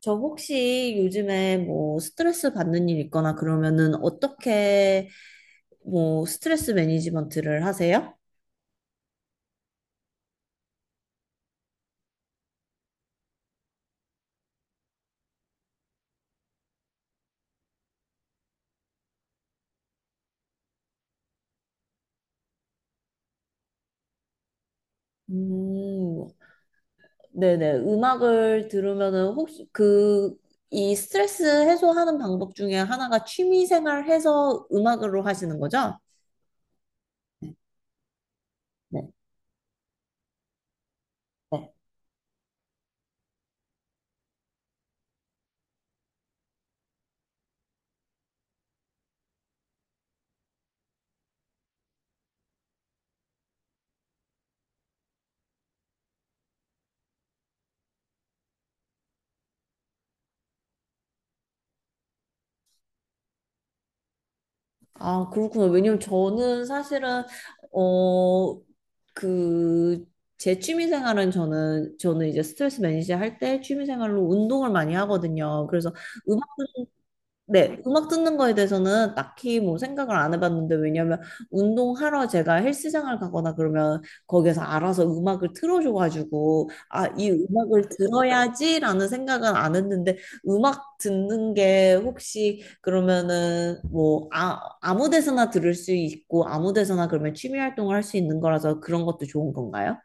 저 혹시 요즘에 뭐 스트레스 받는 일 있거나 그러면은 어떻게 뭐 스트레스 매니지먼트를 하세요? 음, 네네. 음악을 들으면은 혹시 그, 이 스트레스 해소하는 방법 중에 하나가 취미 생활 해서 음악으로 하시는 거죠? 네. 아, 그렇구나. 왜냐면 저는 사실은, 어, 그, 제 취미 생활은 저는 이제 스트레스 매니지 할 때 취미 생활로 운동을 많이 하거든요. 그래서 네, 음악 듣는 거에 대해서는 딱히 뭐 생각을 안 해봤는데, 왜냐면 운동하러 제가 헬스장을 가거나 그러면 거기서 알아서 음악을 틀어줘가지고, 아, 이 음악을 들어야지라는 생각은 안 했는데, 음악 듣는 게 혹시 그러면은 뭐, 아무 데서나 들을 수 있고, 아무 데서나 그러면 취미 활동을 할 수 있는 거라서 그런 것도 좋은 건가요?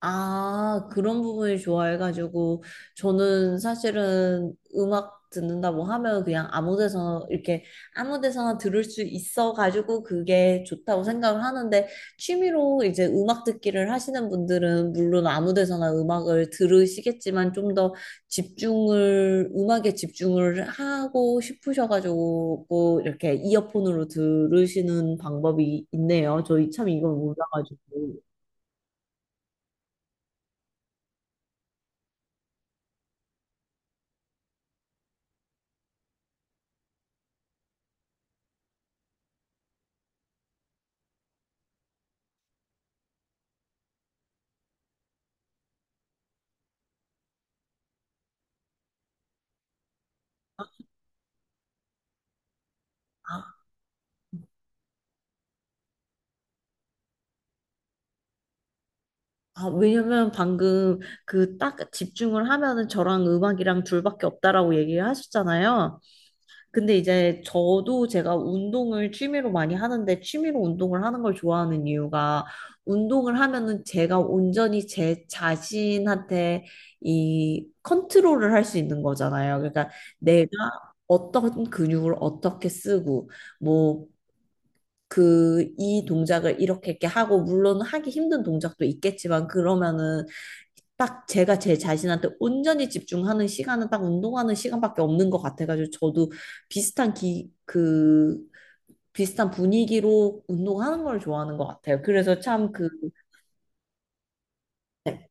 아, 그런 부분이 좋아해가지고, 저는 사실은 음악 듣는다고 하면 그냥 아무 데서나, 이렇게 아무 데서나 들을 수 있어가지고 그게 좋다고 생각을 하는데, 취미로 이제 음악 듣기를 하시는 분들은 물론 아무 데서나 음악을 들으시겠지만 좀 더 집중을, 음악에 집중을 하고 싶으셔가지고, 뭐 이렇게 이어폰으로 들으시는 방법이 있네요. 저희 참 이건 몰라가지고. 아. 아, 왜냐면 방금 그 딱 집중을 하면은 저랑 음악이랑 둘밖에 없다라고 얘기를 하셨잖아요. 근데 이제 저도 제가 운동을 취미로 많이 하는데 취미로 운동을 하는 걸 좋아하는 이유가 운동을 하면은 제가 온전히 제 자신한테 이 컨트롤을 할 수 있는 거잖아요. 그러니까 내가 어떤 근육을 어떻게 쓰고 뭐 그 이 동작을 이렇게 이렇게 하고 물론 하기 힘든 동작도 있겠지만 그러면은 딱 제가 제 자신한테 온전히 집중하는 시간은 딱 운동하는 시간밖에 없는 것 같아가지고 저도 그 비슷한 분위기로 운동하는 걸 좋아하는 것 같아요. 그래서 참 그, 네.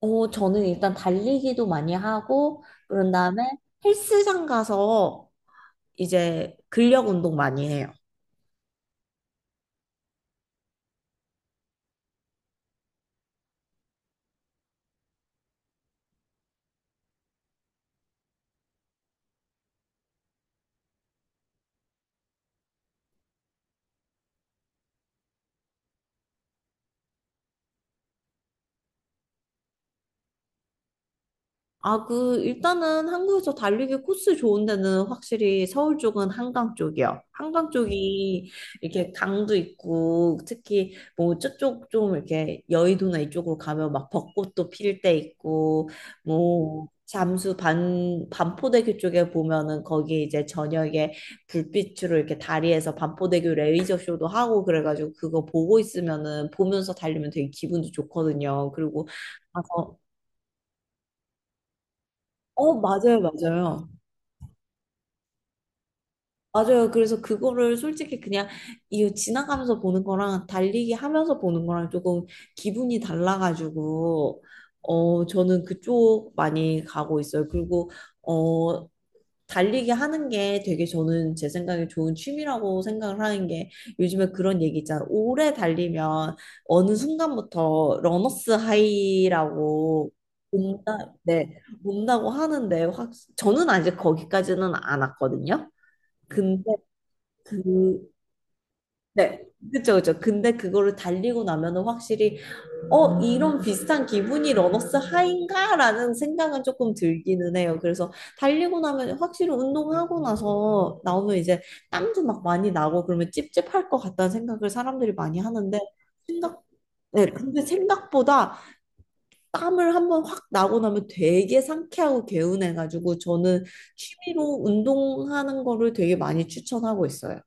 어, 저는 일단 달리기도 많이 하고 그런 다음에 헬스장 가서 이제 근력 운동 많이 해요. 아, 그, 일단은 한국에서 달리기 코스 좋은 데는 확실히 서울 쪽은 한강 쪽이요. 한강 쪽이 이렇게 강도 있고, 특히 뭐 저쪽 좀 이렇게 여의도나 이쪽으로 가면 막 벚꽃도 필 때 있고, 반포대교 쪽에 보면은 거기 이제 저녁에 불빛으로 이렇게 다리에서 반포대교 레이저 쇼도 하고 그래가지고 그거 보고 있으면은 보면서 달리면 되게 기분도 좋거든요. 그리고 가서, 어, 맞아요, 맞아요. 맞아요. 그래서 그거를 솔직히 그냥 이 지나가면서 보는 거랑 달리기 하면서 보는 거랑 조금 기분이 달라가지고 어 저는 그쪽 많이 가고 있어요. 그리고 어 달리기 하는 게 되게 저는 제 생각에 좋은 취미라고 생각을 하는 게 요즘에 그런 얘기 있잖아요. 오래 달리면 어느 순간부터 러너스 하이라고 온다, 네, 온다고 하는데 확 저는 아직 거기까지는 안 왔거든요. 근데 그, 네. 그쵸, 그쵸. 근데 그거를 달리고 나면은 확실히, 어, 이런 비슷한 기분이 러너스 하인가? 라는 생각은 조금 들기는 해요. 그래서 달리고 나면 확실히 운동하고 나서 나오면 이제 땀도 막 많이 나고 그러면 찝찝할 것 같다는 생각을 사람들이 많이 하는데, 생각, 네. 근데 생각보다 땀을 한번 확 나고 나면 되게 상쾌하고 개운해가지고 저는 취미로 운동하는 거를 되게 많이 추천하고 있어요.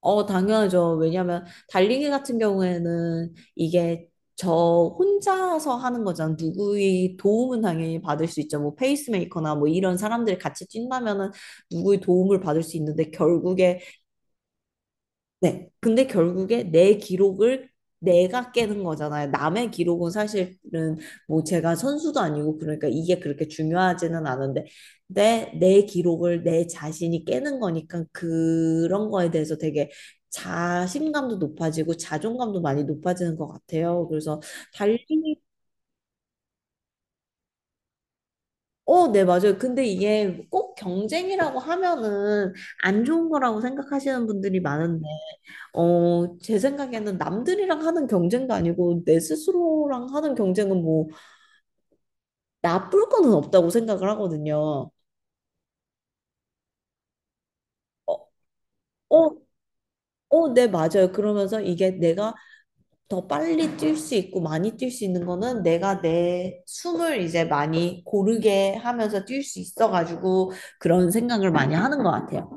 어, 당연하죠. 왜냐면 달리기 같은 경우에는 이게 저 혼자서 하는 거잖아. 누구의 도움은 당연히 받을 수 있죠. 뭐 페이스메이커나 뭐 이런 사람들이 같이 뛴다면은 누구의 도움을 받을 수 있는데 결국에 네. 근데 결국에 내 기록을 내가 깨는 거잖아요. 남의 기록은 사실은 뭐 제가 선수도 아니고 그러니까 이게 그렇게 중요하지는 않은데 내 기록을 내 자신이 깨는 거니까 그런 거에 대해서 되게 자신감도 높아지고 자존감도 많이 높아지는 것 같아요. 그래서 달리기 어, 네, 맞아요. 근데 이게 꼭 경쟁이라고 하면은 안 좋은 거라고 생각하시는 분들이 많은데 어, 제 생각에는 남들이랑 하는 경쟁도 아니고 내 스스로랑 하는 경쟁은 뭐 나쁠 거는 없다고 생각을 하거든요. 어, 어, 어, 네, 맞아요. 그러면서 이게 내가 더 빨리 뛸 수 있고 많이 뛸 수 있는 거는 내가 내 숨을 이제 많이 고르게 하면서 뛸 수 있어가지고 그런 생각을 많이 하는 것 같아요.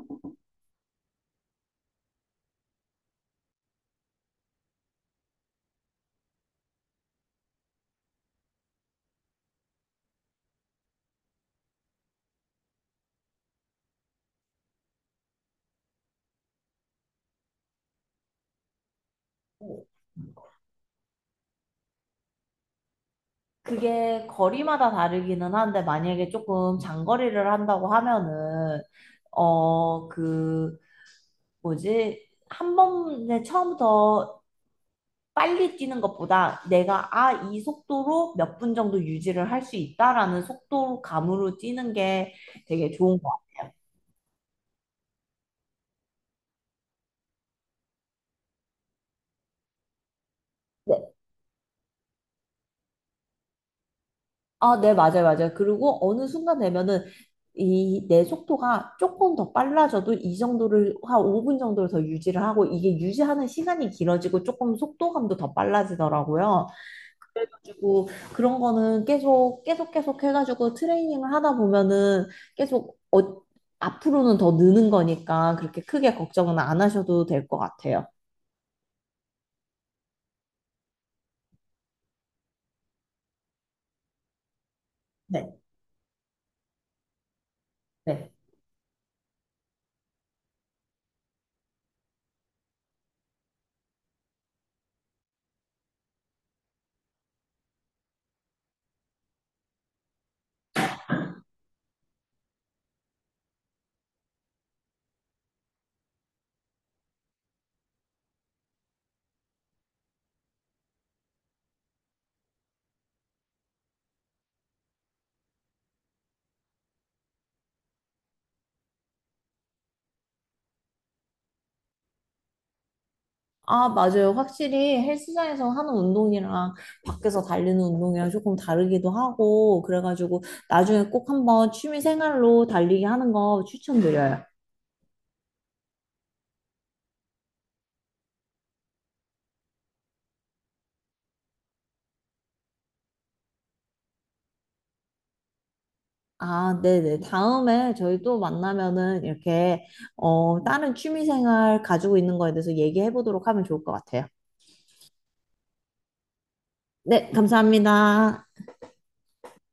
그게 거리마다 다르기는 한데 만약에 조금 장거리를 한다고 하면은 어그 뭐지? 한 번에 처음부터 빨리 뛰는 것보다 내가 아, 이 속도로 몇 분 정도 유지를 할 수 있다라는 속도감으로 뛰는 게 되게 좋은 것 같아요. 네. 아, 네, 맞아요, 맞아요. 그리고 어느 순간 되면은 이 내 속도가 조금 더 빨라져도 이 정도를 한 5분 정도를 더 유지를 하고 이게 유지하는 시간이 길어지고 조금 속도감도 더 빨라지더라고요. 그래가지고 그런 거는 계속 계속 계속 해가지고 트레이닝을 하다 보면은 계속 어, 앞으로는 더 느는 거니까 그렇게 크게 걱정은 안 하셔도 될 것 같아요. 네, 네. 아, 맞아요. 확실히 헬스장에서 하는 운동이랑 밖에서 달리는 운동이랑 조금 다르기도 하고 그래가지고 나중에 꼭 한번 취미 생활로 달리기 하는 거 추천드려요. 아, 네네. 다음에 저희 또 만나면은 이렇게, 어, 다른 취미생활 가지고 있는 거에 대해서 얘기해 보도록 하면 좋을 것 같아요. 네, 감사합니다.